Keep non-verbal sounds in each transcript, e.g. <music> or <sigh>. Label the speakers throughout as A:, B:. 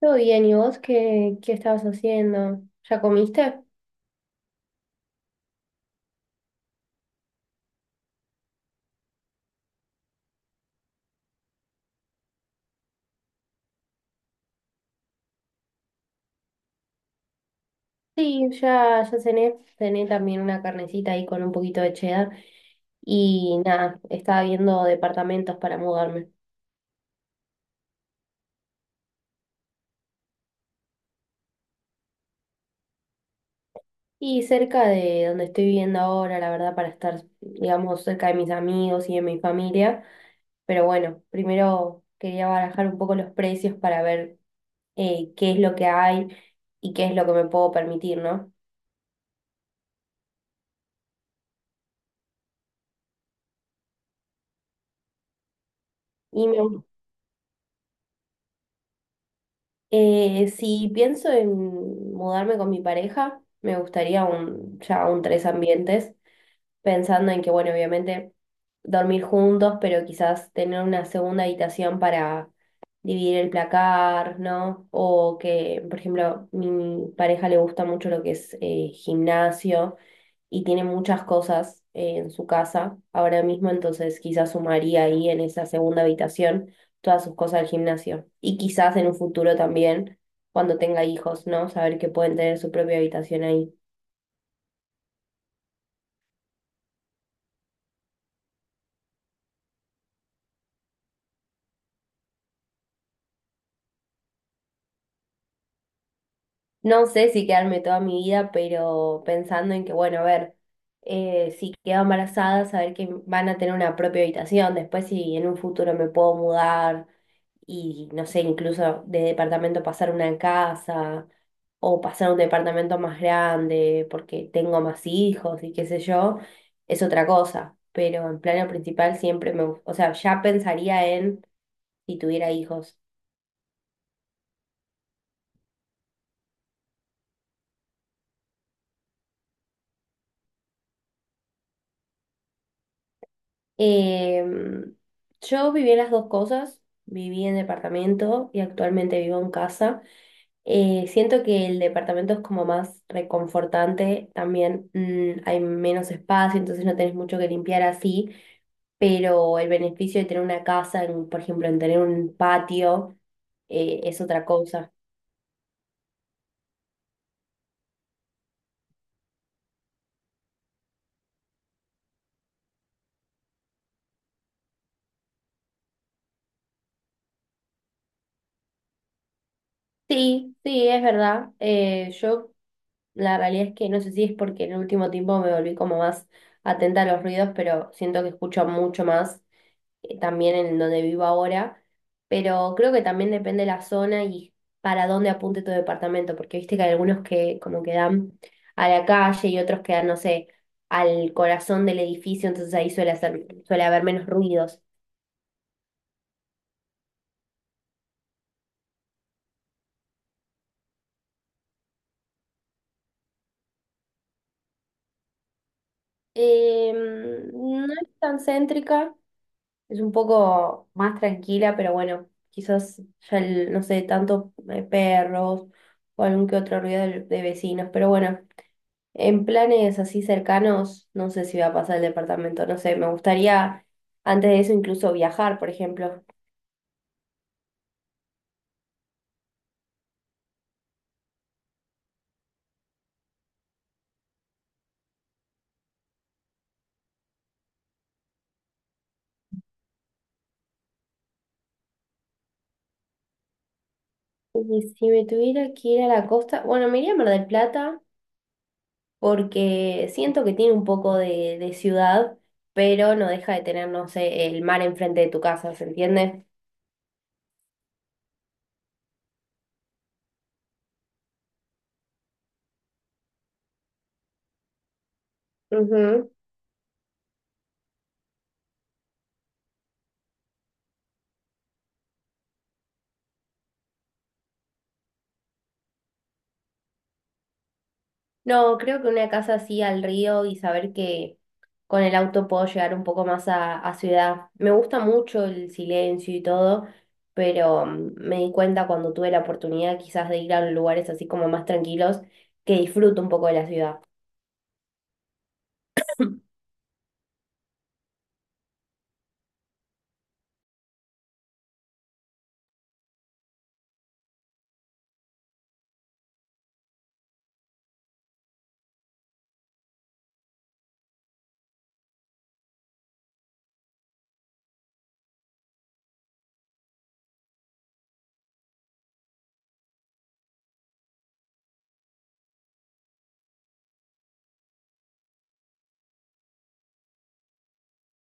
A: Todo bien, ¿y vos qué, estabas haciendo? ¿Ya comiste? Sí, ya cené. Cené también una carnecita ahí con un poquito de cheddar. Y nada, estaba viendo departamentos para mudarme. Y cerca de donde estoy viviendo ahora, la verdad, para estar, digamos, cerca de mis amigos y de mi familia. Pero bueno, primero quería barajar un poco los precios para ver qué es lo que hay y qué es lo que me puedo permitir, ¿no? Y me Si pienso en mudarme con mi pareja, me gustaría un, ya un tres ambientes, pensando en que, bueno, obviamente dormir juntos, pero quizás tener una segunda habitación para dividir el placar, ¿no? O que, por ejemplo, mi pareja le gusta mucho lo que es gimnasio y tiene muchas cosas en su casa ahora mismo, entonces quizás sumaría ahí en esa segunda habitación todas sus cosas del gimnasio. Y quizás en un futuro también, cuando tenga hijos, ¿no? Saber que pueden tener su propia habitación ahí. No sé si quedarme toda mi vida, pero pensando en que, bueno, a ver, si quedo embarazada, saber que van a tener una propia habitación, después si en un futuro me puedo mudar y no sé, incluso de departamento pasar a una casa o pasar a un departamento más grande porque tengo más hijos y qué sé yo, es otra cosa. Pero en plano principal siempre me, gu- o sea, ya pensaría en si tuviera hijos. Em, yo viví en las dos cosas, viví en departamento y actualmente vivo en casa. Siento que el departamento es como más reconfortante, también hay menos espacio, entonces no tenés mucho que limpiar así, pero el beneficio de tener una casa, en- por ejemplo, en tener un patio, es otra cosa. Sí, sí, es verdad. Yo la realidad es que no sé si es porque en el último tiempo me volví como más atenta a los ruidos, pero siento que escucho mucho más también en donde vivo ahora, pero creo que también depende la zona y para dónde apunte tu departamento, porque viste que hay algunos que como que dan a la calle y otros que dan, no sé, al corazón del edificio, entonces ahí suele hacer, suele haber menos ruidos. Eh, no es tan céntrica, es un poco más tranquila, pero bueno, quizás ya el- no sé, tanto perros o algún que otro ruido de vecinos, pero bueno. En planes así cercanos, no sé si voy a pasar el departamento, no sé, me gustaría antes de eso incluso viajar, por ejemplo. Y si me tuviera que ir a la costa, bueno, me iría a Mar del Plata porque siento que tiene un poco de ciudad, pero no deja de tener, no sé, el mar enfrente de tu casa, ¿se entiende? Ujú. No, creo que una casa así al río y saber que con el auto puedo llegar un poco más a ciudad. Me gusta mucho el silencio y todo, pero me di cuenta cuando tuve la oportunidad quizás de ir a lugares así como más tranquilos que disfruto un poco de la ciudad.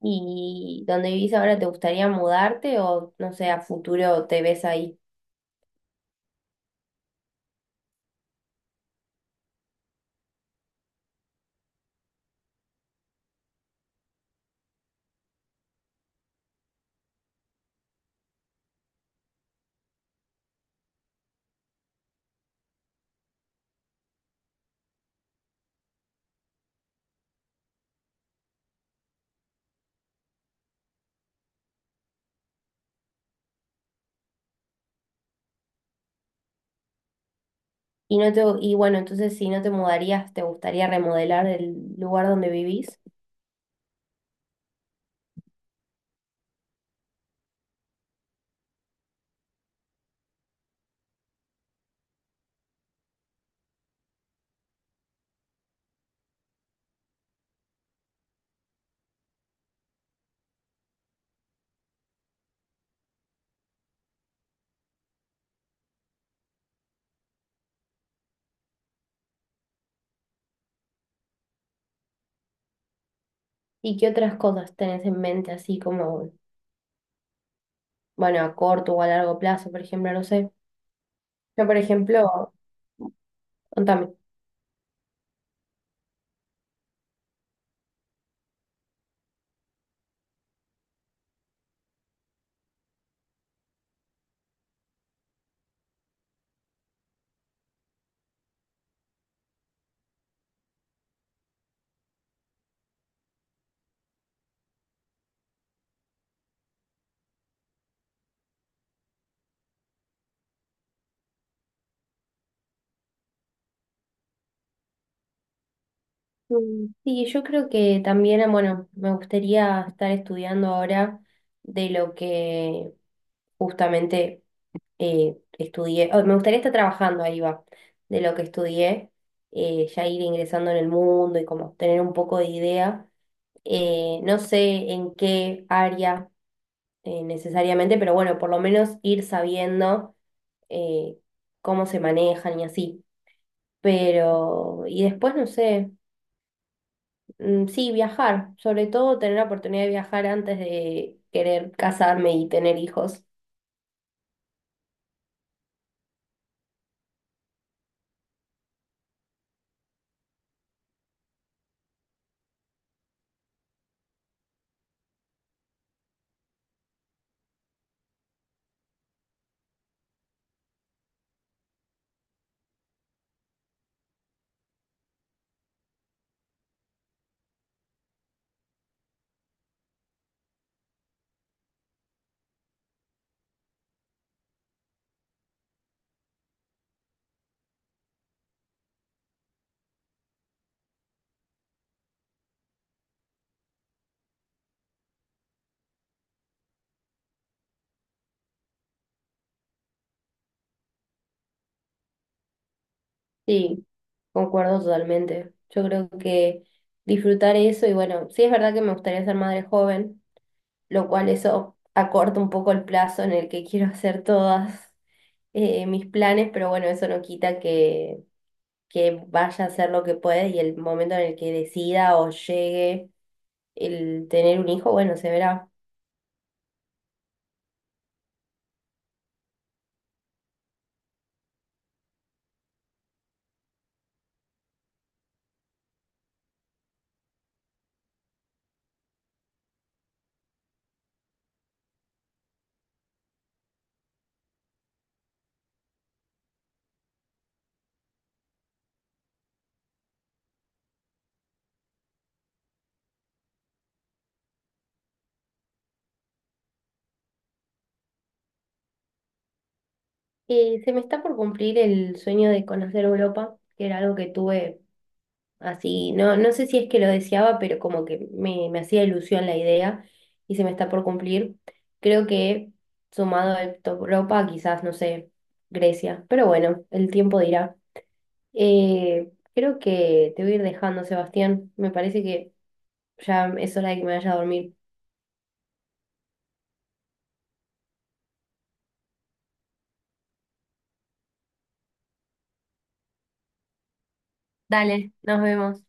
A: ¿Y donde vivís ahora te gustaría mudarte o no sé, a futuro te ves ahí? Y no te, y bueno, entonces si no te mudarías, ¿te gustaría remodelar el lugar donde vivís? ¿Y qué otras cosas tenés en mente así como bueno, a corto o a largo plazo, por ejemplo, no sé. Yo, por ejemplo, contame. Sí, yo creo que también, bueno, me gustaría estar estudiando ahora de lo que justamente estudié, oh, me gustaría estar trabajando, ahí va, de lo que estudié, ya ir ingresando en el mundo y como tener un poco de idea. No sé en qué área necesariamente, pero bueno, por lo menos ir sabiendo eh, cómo se manejan y así. Pero, y después no sé, sí, viajar, sobre todo tener la oportunidad de viajar antes de querer casarme y tener hijos. Sí, concuerdo totalmente. Yo creo que disfrutar eso y bueno, sí es verdad que me gustaría ser madre joven, lo cual eso acorta un poco el plazo en el que quiero <laughs> hacer todas mis planes, pero bueno, eso no quita que vaya a hacer lo que pueda y el momento en el que decida o llegue el tener un hijo, bueno, se verá. Se me está por cumplir el sueño de conocer Europa, que era algo que tuve así, no, no sé si es que lo deseaba, pero como que me hacía ilusión la idea y se me está por cumplir. Creo que sumado a Europa, quizás, no sé, Grecia, pero bueno, el tiempo dirá. Creo que te voy a ir dejando, Sebastián. Me parece que ya es hora de que me vaya a dormir. Dale, nos vemos.